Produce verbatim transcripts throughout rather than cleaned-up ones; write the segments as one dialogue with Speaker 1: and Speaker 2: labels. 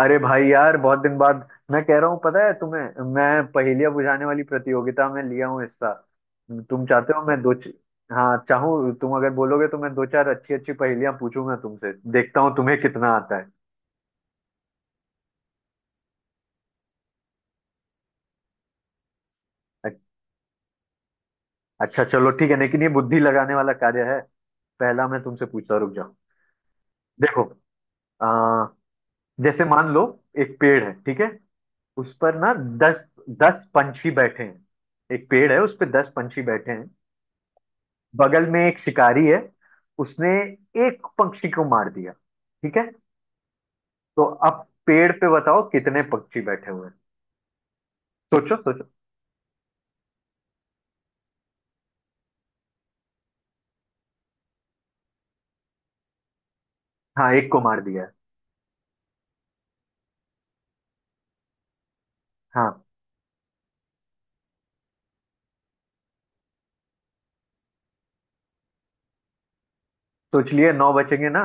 Speaker 1: अरे भाई यार, बहुत दिन बाद मैं कह रहा हूँ, पता है तुम्हें। मैं पहेलियां बुझाने वाली प्रतियोगिता में लिया हूँ हिस्सा। तुम चाहते हो मैं दो च... हाँ चाहूँ, तुम अगर बोलोगे तो मैं दो चार अच्छी अच्छी पहेलियां पूछूंगा तुमसे, देखता हूँ तुम्हें कितना आता है। अ- अच्छा चलो ठीक है, लेकिन ये बुद्धि लगाने वाला कार्य है। पहला मैं तुमसे पूछता हूं, रुक जाओ। देखो, आ, जैसे मान लो एक पेड़ है, ठीक है। उस पर ना दस, दस पंछी बैठे हैं। एक पेड़ है, उस पर दस पंछी बैठे हैं। बगल में एक शिकारी है, उसने एक पक्षी को मार दिया, ठीक है। तो अब पेड़ पे बताओ कितने पक्षी बैठे हुए हैं। सोचो सोचो। हाँ, एक को मार दिया है। हाँ। सोच लिए, नौ बचेंगे ना।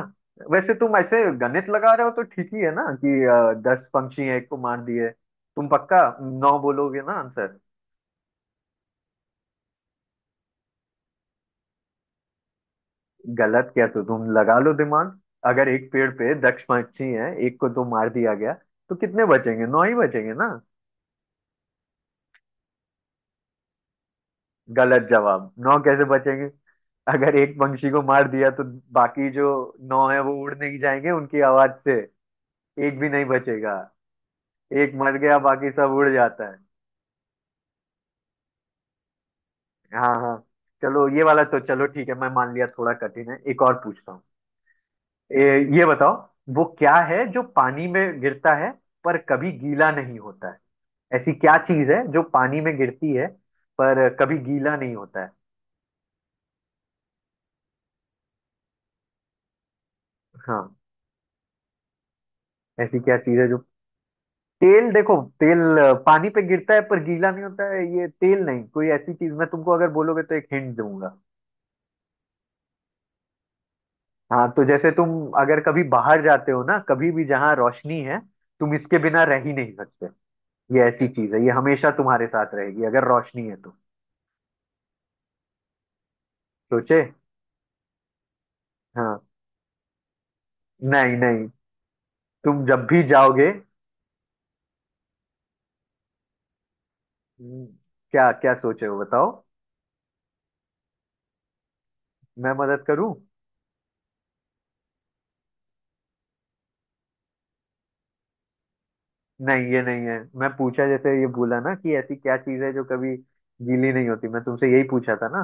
Speaker 1: वैसे तुम ऐसे गणित लगा रहे हो तो ठीक ही है ना, कि अ, दस पंक्षी हैं, एक को मार दिए। तुम पक्का नौ बोलोगे ना आंसर? गलत क्या, तो तुम लगा लो दिमाग। अगर एक पेड़ पे दस पंक्षी हैं, एक को तो मार दिया गया, तो कितने बचेंगे? नौ ही बचेंगे ना। गलत जवाब। नौ कैसे बचेंगे? अगर एक पंछी को मार दिया तो बाकी जो नौ है वो उड़ नहीं जाएंगे उनकी आवाज से? एक भी नहीं बचेगा। एक मर गया, बाकी सब उड़ जाता है। हाँ हाँ। चलो ये वाला तो चलो ठीक है, मैं मान लिया, थोड़ा कठिन है। एक और पूछता हूँ। ए, ये बताओ, वो क्या है जो पानी में गिरता है पर कभी गीला नहीं होता है? ऐसी क्या चीज है जो पानी में गिरती है पर कभी गीला नहीं होता है? हाँ। ऐसी क्या चीज है जो। तेल? देखो, तेल अ, पानी पे गिरता है पर गीला नहीं होता है, ये तेल नहीं, कोई ऐसी चीज। मैं तुमको, अगर बोलोगे, तो एक हिंट दूंगा। हाँ, तो जैसे तुम अगर कभी बाहर जाते हो ना, कभी भी जहाँ रोशनी है, तुम इसके बिना रह ही नहीं सकते। ये ऐसी चीज है, ये हमेशा तुम्हारे साथ रहेगी, अगर रोशनी है तो। सोचे। हाँ। नहीं नहीं, तुम जब भी जाओगे। हम्म, क्या क्या सोचे हो बताओ, मैं मदद करूं? नहीं ये नहीं है। मैं पूछा जैसे, ये बोला ना कि ऐसी क्या चीज है जो कभी गीली नहीं होती, मैं तुमसे यही पूछा था ना।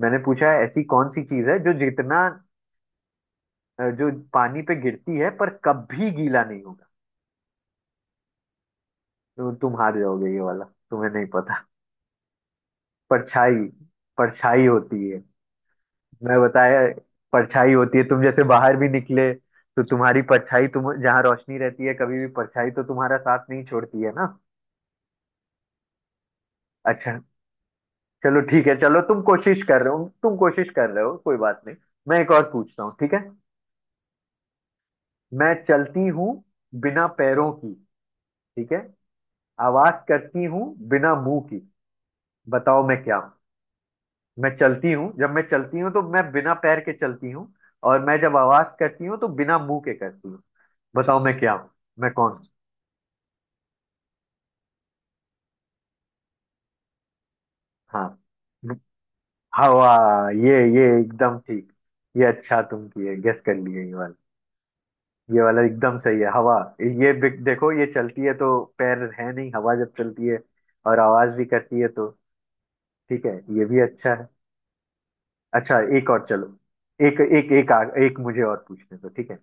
Speaker 1: मैंने पूछा है ऐसी कौन सी चीज है जो जितना अ, जो पानी पे गिरती है पर कभी गीला नहीं होगा। तो तुम हार जाओगे ये वाला, तुम्हें नहीं पता। परछाई। परछाई होती है। मैं बताया, परछाई होती है। तुम जैसे बाहर भी निकले तो तुम्हारी परछाई, तुम जहाँ रोशनी रहती है, कभी भी परछाई तो तुम्हारा साथ नहीं छोड़ती है ना। अच्छा चलो ठीक है, चलो तुम कोशिश कर रहे हो, तुम कोशिश कर रहे हो, कोई बात नहीं। मैं एक और पूछता हूँ, ठीक है। मैं चलती हूँ बिना पैरों की, ठीक है। आवाज करती हूँ बिना मुंह की। बताओ मैं क्या हूँ? मैं चलती हूँ, जब मैं चलती हूँ तो मैं बिना पैर के चलती हूँ, और मैं जब आवाज करती हूँ तो बिना मुंह के करती हूँ। बताओ मैं क्या हूँ, मैं कौन हूँ? हाँ। हवा। ये ये एकदम ठीक। ये अच्छा, तुम किए गेस कर लिए ये वाला। ये वाला एकदम सही है, हवा। ये बिक- देखो, ये चलती है तो पैर है नहीं, हवा जब चलती है और आवाज भी करती है तो। ठीक है, ये भी अच्छा है। अच्छा एक और चलो। एक एक एक आ, एक मुझे और पूछने दो, ठीक है।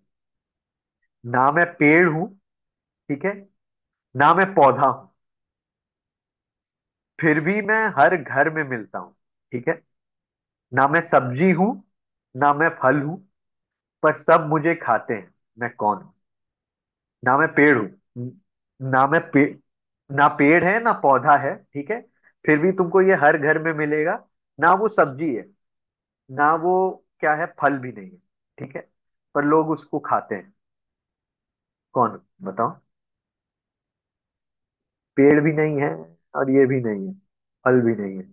Speaker 1: ना मैं पेड़ हूँ, ठीक है। ना मैं पौधा हूँ, फिर भी मैं हर घर में मिलता हूँ, ठीक है। ना मैं सब्जी हूँ, ना मैं फल हूँ, पर सब मुझे खाते हैं। मैं कौन हूँ? ना मैं पेड़ हूँ, ना मैं पे, ना पेड़ है ना पौधा है, ठीक है। फिर भी तुमको ये हर घर में मिलेगा। ना वो सब्जी है, ना वो क्या है, फल भी नहीं है, ठीक है। पर लोग उसको खाते हैं, कौन बताओ। पेड़ भी नहीं है और ये भी नहीं है, फल भी नहीं है।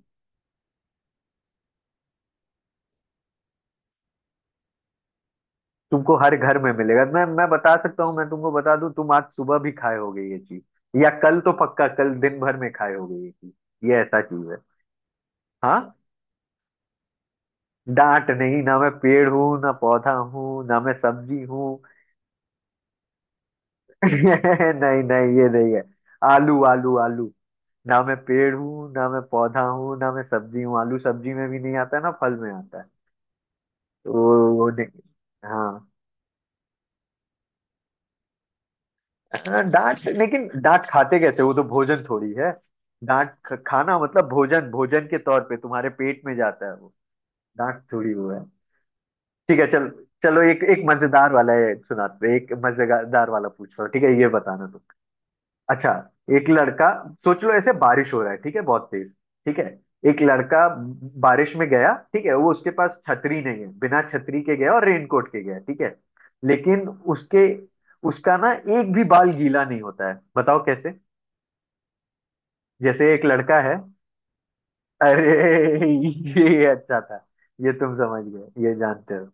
Speaker 1: तुमको हर घर में मिलेगा। मैं मैं बता सकता हूँ, मैं तुमको बता दूं, तुम आज सुबह भी खाए होगे ये चीज, या कल तो पक्का, कल दिन भर में खाए होगे ये चीज। ये ऐसा चीज है। हाँ। डांट नहीं, ना मैं पेड़ हूँ, ना पौधा हूँ, ना मैं सब्जी हूँ। नहीं नहीं, ये नहीं है। आलू आलू आलू। ना मैं पेड़ हूँ, ना मैं पौधा हूँ, ना मैं सब्जी हूँ, आलू सब्जी में भी नहीं आता है ना फल में आता है, तो वो नहीं। हाँ। डांट, लेकिन डांट खाते कैसे, वो तो भोजन थोड़ी है। डांट ख- खाना मतलब भोजन, भोजन के तौर पे तुम्हारे पेट में जाता है वो, डांट थोड़ी वो है। ठीक है चल। चलो, एक एक मजेदार वाला है सुनाते हैं, एक मजेदार वाला पूछ रहा हूँ, ठीक है, ये बताना तुम। अच्छा, एक लड़का, सोच लो ऐसे बारिश हो रहा है, ठीक है, बहुत तेज, ठीक है। एक लड़का बारिश में गया, ठीक है, वो उसके पास छतरी नहीं है, बिना छतरी के गया और रेनकोट के गया, ठीक है। लेकिन उसके, उसका ना एक भी बाल गीला नहीं होता है, बताओ कैसे? जैसे एक लड़का है। अरे ये अच्छा था, ये तुम समझ गए, ये जानते हो।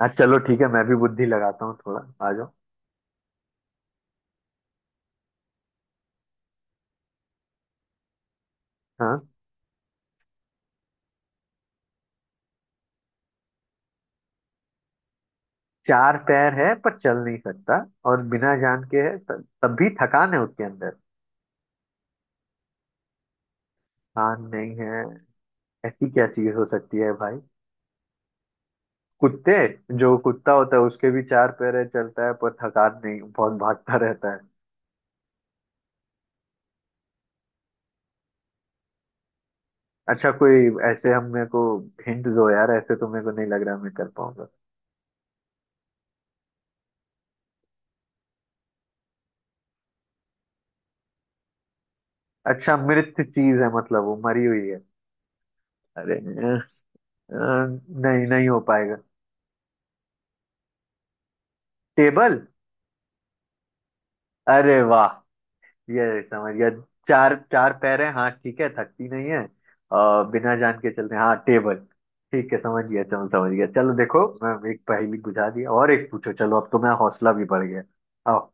Speaker 1: हाँ चलो ठीक है, मैं भी बुद्धि लगाता हूँ थोड़ा, आ जाओ। हाँ, चार पैर है पर चल नहीं सकता, और बिना जान के है, त- तब भी थकान है उसके अंदर। कान नहीं है, ऐसी क्या चीज हो सकती है भाई? कुत्ते, जो कुत्ता होता है उसके भी चार पैर है, चलता है, पर थकान नहीं, बहुत भागता रहता है। अच्छा, कोई ऐसे हम मेरे को हिंट दो यार, ऐसे तो मेरे को नहीं लग रहा मैं कर पाऊंगा। अच्छा मृत चीज है, मतलब वो मरी हुई है। अरे अ, अ, नहीं नहीं हो पाएगा। टेबल? अरे वाह, ये समझ गया। चार, चार पैर है, हाँ ठीक है, थकती नहीं है, आ, बिना जान के चलते हैं। हाँ टेबल। ठीक है समझ गया, चलो समझ गया। चलो देखो, मैं एक पहेली बुझा दिया और एक पूछो, चलो अब तो मेरा हौसला भी बढ़ गया, आओ।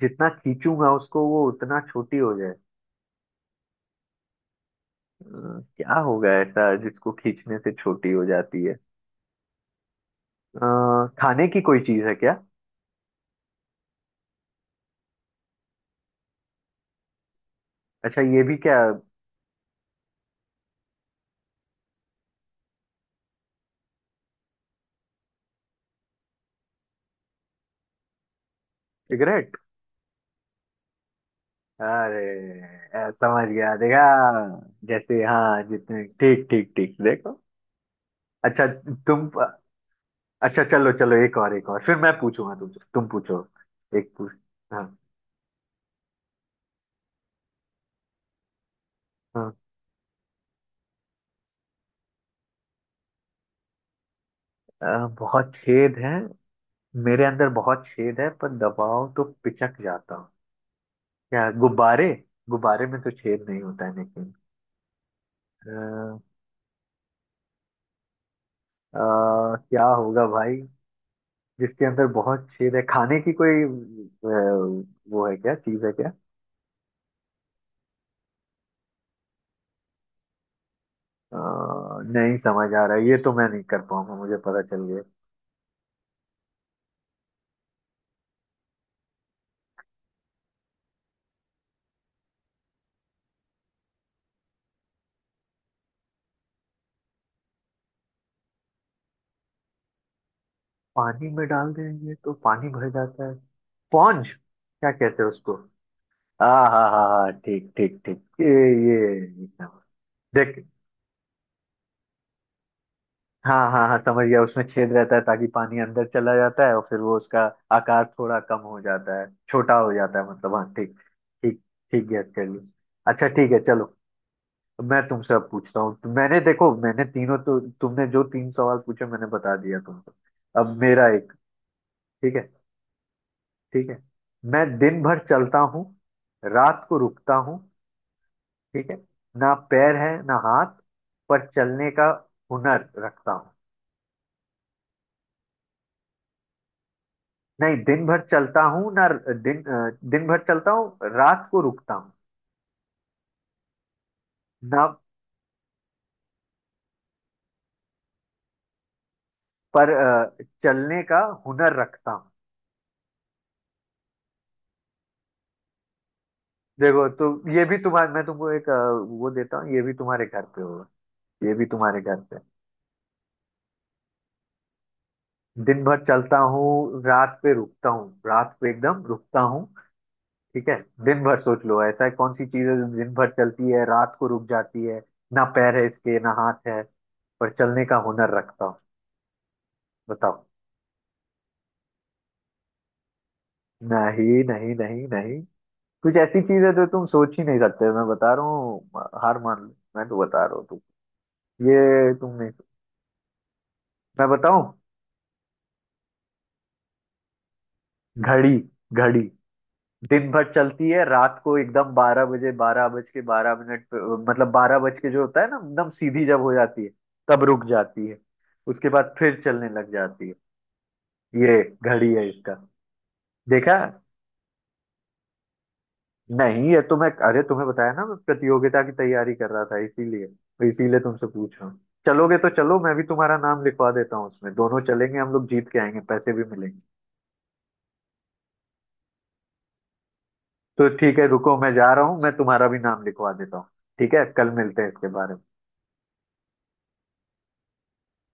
Speaker 1: जितना खींचूंगा उसको वो उतना छोटी हो जाए? अ, क्या होगा ऐसा जिसको खींचने से छोटी हो जाती है? अ, खाने की कोई चीज है क्या? अच्छा, ये भी क्या। सिगरेट। अरे, अ, समझ गया, देखा, जैसे हाँ, जितने ठीक ठीक ठीक, देखो। अच्छा तुम, अच्छा चलो चलो, एक और, एक और, फिर मैं पूछूंगा तुमसे, तुम पूछो। एक पूछ। हाँ। हाँ, अ, बहुत छेद है, मेरे अंदर बहुत छेद है पर दबाओ तो पिचक जाता हूँ। क्या, गुब्बारे? गुब्बारे में तो छेद नहीं होता है, लेकिन अ, अ, क्या होगा भाई, जिसके अंदर बहुत छेद है, खाने की कोई अ, वो है क्या, चीज है क्या? अ, नहीं समझ आ रहा है, ये तो मैं नहीं कर पाऊंगा, मुझे पता चल। पानी में डाल देंगे तो पानी भर जाता है, स्पॉन्ज? क्या कहते हैं उसको। हाँ हाँ हाँ हाँ, ठीक ठीक ठीक, ये ये एकदम, देख। हाँ हाँ हाँ समझ गया, उसमें छेद रहता है ताकि पानी अंदर चला जाता है, और फिर वो उसका आकार थोड़ा कम हो जाता है, छोटा हो जाता है मतलब, हाँ ठीक। ठीक ठीक, गेस कर लिया। अच्छा ठीक है चलो, मैं तुमसे अब पूछता हूँ। तो मैंने देखो, मैंने तीनों, तो तुमने जो तीन सवाल पूछे, मैंने बता दिया तुमको। अब मेरा एक, ठीक है। ठीक है मैं दिन भर चलता हूँ, रात को रुकता हूँ, ठीक है। ना पैर है ना हाथ, पर चलने का हुनर रखता हूँ। नहीं, दिन भर चलता हूँ ना। दिन अ, दिन भर चलता हूँ, रात को रुकता हूँ। ना, पर अ, चलने का हुनर रखता हूँ। देखो तो, ये भी तुम्हारे, मैं तुमको एक अ, वो देता हूँ। ये भी तुम्हारे घर पे होगा, ये भी तुम्हारे घर पे। दिन भर चलता हूँ, रात पे रुकता हूँ, रात पे एकदम रुकता हूँ, ठीक है। दिन भर, सोच लो, ऐसा कौन सी चीज है जो दिन भर चलती है, रात को रुक जाती है। ना पैर है इसके ना हाथ है, पर चलने का हुनर रखता हूँ। बताओ। नहीं नहीं नहीं नहीं, कुछ ऐसी चीज है जो तुम सोच ही नहीं सकते, मैं बता रहा हूँ। हार मान लो, मैं तो बता रहा हूँ, तुम ये तुम नहीं, मैं बताऊं? घड़ी। घड़ी दिन भर चलती है, रात को एकदम बारह बजे, बारह बज के बारह मिनट पे, मतलब बारह बज के जो होता है ना, एकदम सीधी जब हो जाती है, तब रुक जाती है। उसके बाद फिर चलने लग जाती है। ये घड़ी है इसका। देखा, नहीं ये तुम्हें, अरे तुम्हें बताया ना मैं प्रतियोगिता की तैयारी कर रहा था इसीलिए, इसीलिए तुमसे पूछ रहा हूँ। चलोगे तो चलो, मैं भी तुम्हारा नाम लिखवा देता हूँ उसमें, दोनों चलेंगे हम लोग, जीत के आएंगे, पैसे भी मिलेंगे। तो ठीक है, रुको मैं जा रहा हूँ, मैं तुम्हारा भी नाम लिखवा देता हूँ। ठीक है, कल मिलते हैं इसके बारे में।